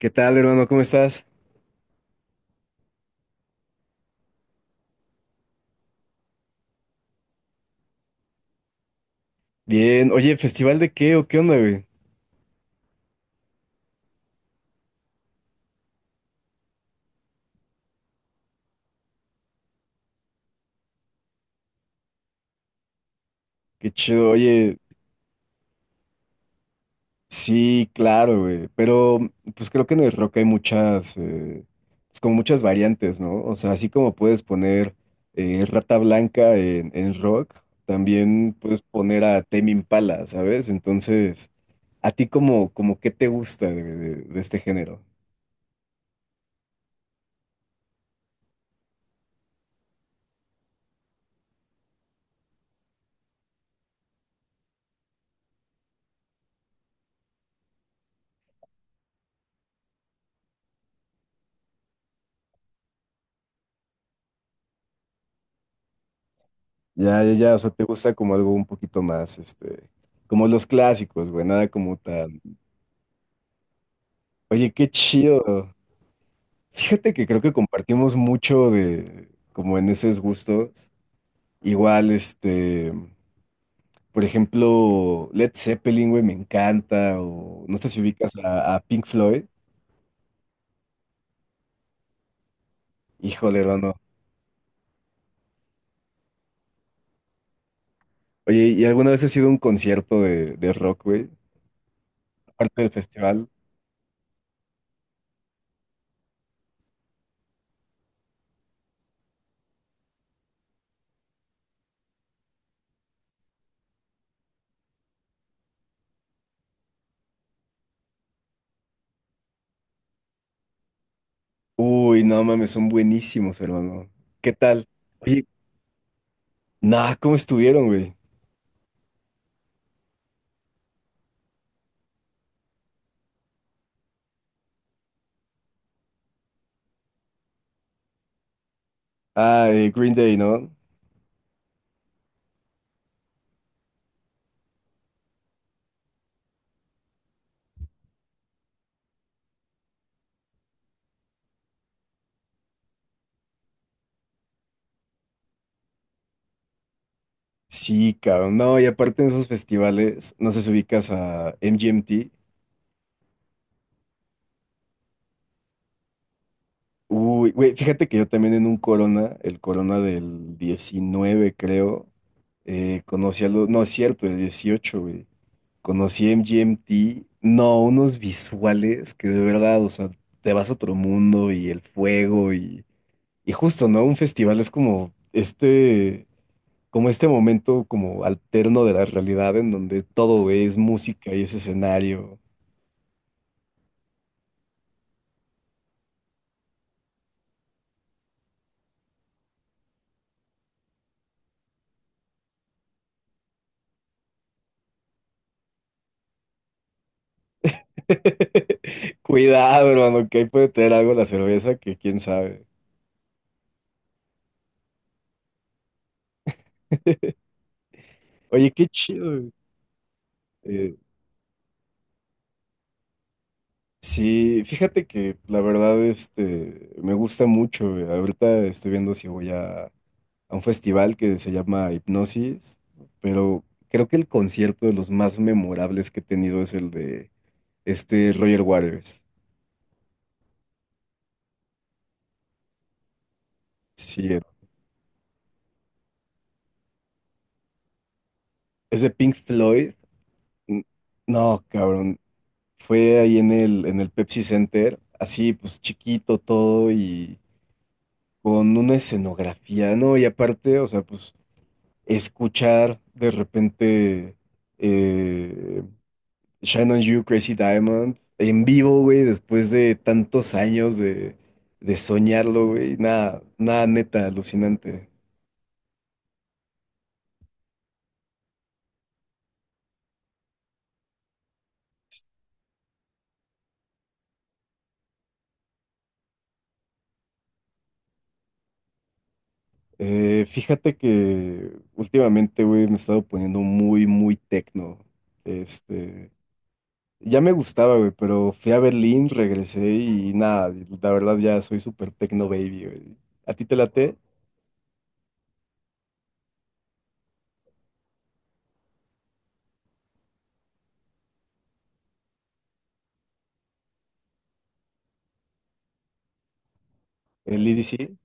¿Qué tal, hermano? ¿Cómo estás? Bien. Oye, ¿festival de qué o qué onda, güey? Qué chido. Oye, sí, claro, güey. Pero, pues creo que en el rock hay muchas, pues como muchas variantes, ¿no? O sea, así como puedes poner Rata Blanca en, rock, también puedes poner a Tame Impala, ¿sabes? Entonces, ¿a ti como qué te gusta de este género? Ya, ya, ya. O sea, ¿te gusta como algo un poquito más, como los clásicos, güey? Nada como tal. Oye, qué chido. Fíjate que creo que compartimos mucho de, como en esos gustos. Igual, por ejemplo, Led Zeppelin, güey, me encanta. O no sé si ubicas a, Pink Floyd. Híjole, no, no. Oye, ¿y alguna vez has ido a un concierto de rock, güey? Aparte del festival. Uy, no mames, son buenísimos, hermano. ¿Qué tal? Oye, nah, ¿cómo estuvieron, güey? Ah, Green Day, ¿no? Sí, cabrón. No, y aparte en esos festivales, no sé si ubicas a MGMT. Uy, güey, fíjate que yo también en un Corona, el Corona del 19, creo, conocí a los. No, es cierto, el 18, güey. Conocí a MGMT. No, unos visuales que de verdad, o sea, te vas a otro mundo y el fuego y. Y justo, ¿no? Un festival es como este. Como este momento como alterno de la realidad en donde todo, güey, es música y es escenario. Cuidado, hermano, que ahí puede tener algo la cerveza que quién sabe. Oye, qué chido, güey. eh, sí, fíjate que la verdad, me gusta mucho. Ahorita estoy viendo si voy a, un festival que se llama Hipnosis, pero creo que el concierto de los más memorables que he tenido es el de Roger Waters. Sí, es de Pink Floyd. N- No, cabrón. Fue ahí en el, Pepsi Center, así pues chiquito todo y con una escenografía, ¿no? Y aparte, o sea, pues escuchar de repente eh, Shine on You, Crazy Diamond en vivo, güey, después de tantos años de soñarlo, güey, nada, nada neta, alucinante. Fíjate que últimamente, güey, me he estado poniendo muy, muy tecno. Este. Ya me gustaba, güey, pero fui a Berlín, regresé y nada, y la verdad ya soy súper techno baby, güey. ¿A ti te late el EDC?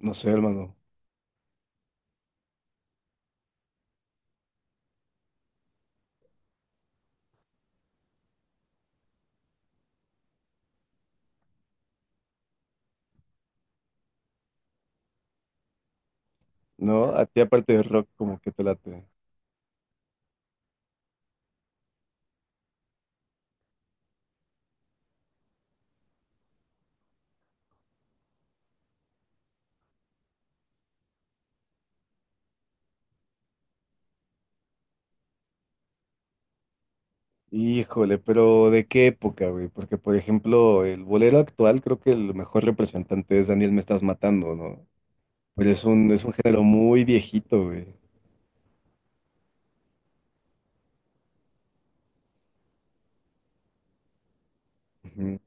No sé, hermano. ¿No? A ti aparte de rock como que te late. Híjole, pero ¿de qué época, güey? Porque, por ejemplo, el bolero actual creo que el mejor representante es Daniel Me Estás Matando, ¿no? Pero es un, género muy viejito, güey. Ujú.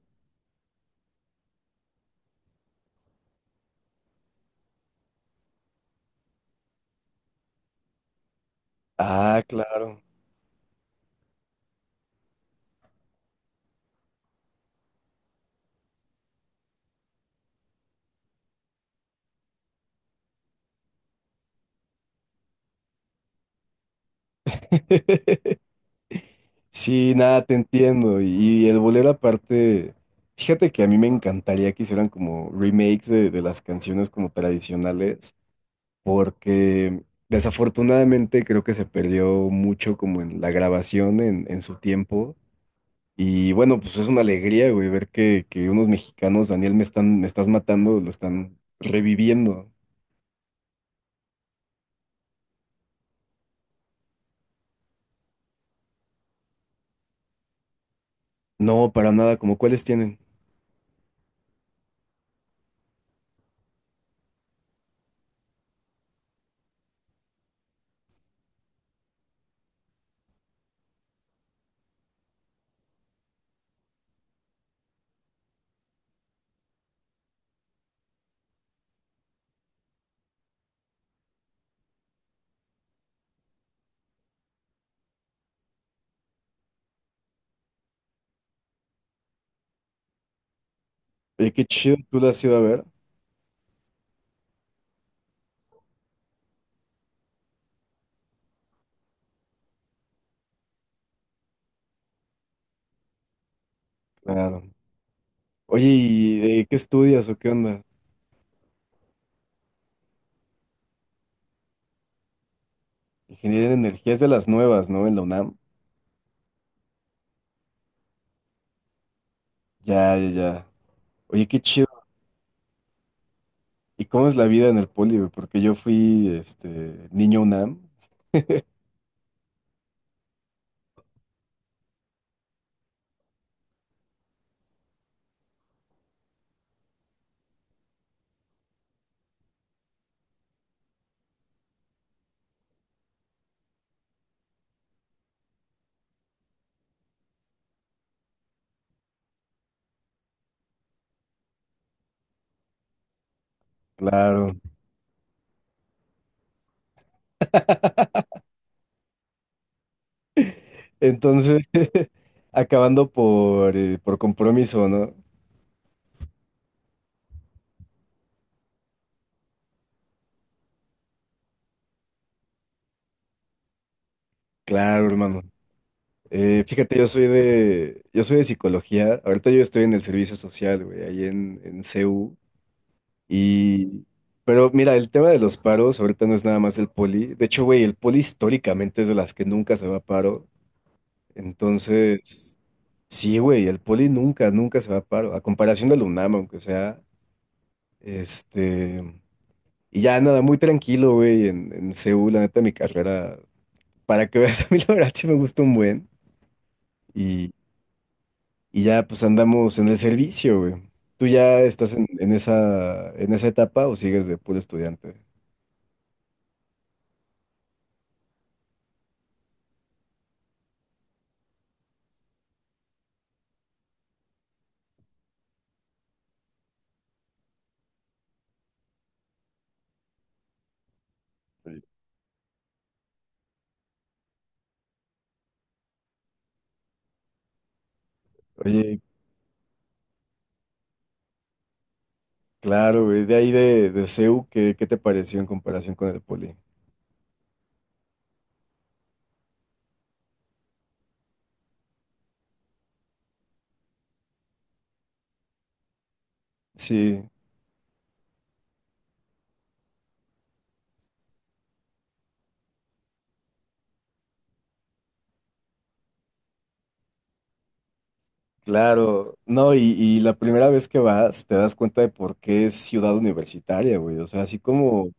Ah, claro. Sí, nada, te entiendo. Y el bolero aparte, fíjate que a mí me encantaría que hicieran como remakes de, las canciones como tradicionales, porque desafortunadamente creo que se perdió mucho como en la grabación en, su tiempo. Y bueno, pues es una alegría, güey, ver que unos mexicanos, Daniel, me están, me estás matando, lo están reviviendo. No, para nada, como cuáles tienen. Oye, qué chido, tú lo has ido a ver. Claro. Oye, ¿y qué estudias o qué onda? Ingeniería en energías de las nuevas, ¿no? En la UNAM. Ya, ya, ya. Oye, qué chido. ¿Y cómo es la vida en el poli, güey? Porque yo fui, niño UNAM. Claro. Entonces, acabando por compromiso, ¿no? Claro, hermano. Fíjate, yo soy de psicología. Ahorita yo estoy en el servicio social, güey, ahí en, CU. Y, pero mira, el tema de los paros ahorita no es nada más el poli. De hecho, güey, el poli históricamente es de las que nunca se va a paro. Entonces, sí, güey, el poli nunca, nunca se va a paro, a comparación del UNAM, aunque sea, este, y ya nada, muy tranquilo, güey, en, Seúl, la neta, mi carrera, para que veas, a mí la verdad sí me gusta un buen, y, y ya, pues, andamos en el servicio, güey. ¿Tú ya estás en esa etapa o sigues de puro estudiante? Oye, claro, güey, de ahí de CEU, ¿qué te pareció en comparación con el poli? Sí, claro. No, y la primera vez que vas te das cuenta de por qué es ciudad universitaria, güey. O sea, así como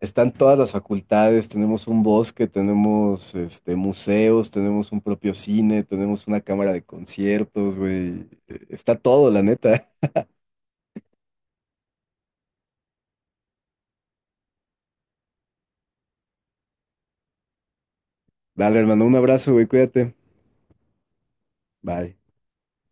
están todas las facultades, tenemos un bosque, tenemos museos, tenemos un propio cine, tenemos una cámara de conciertos, güey. Está todo, la neta. Dale, hermano, un abrazo, güey, cuídate. Bye.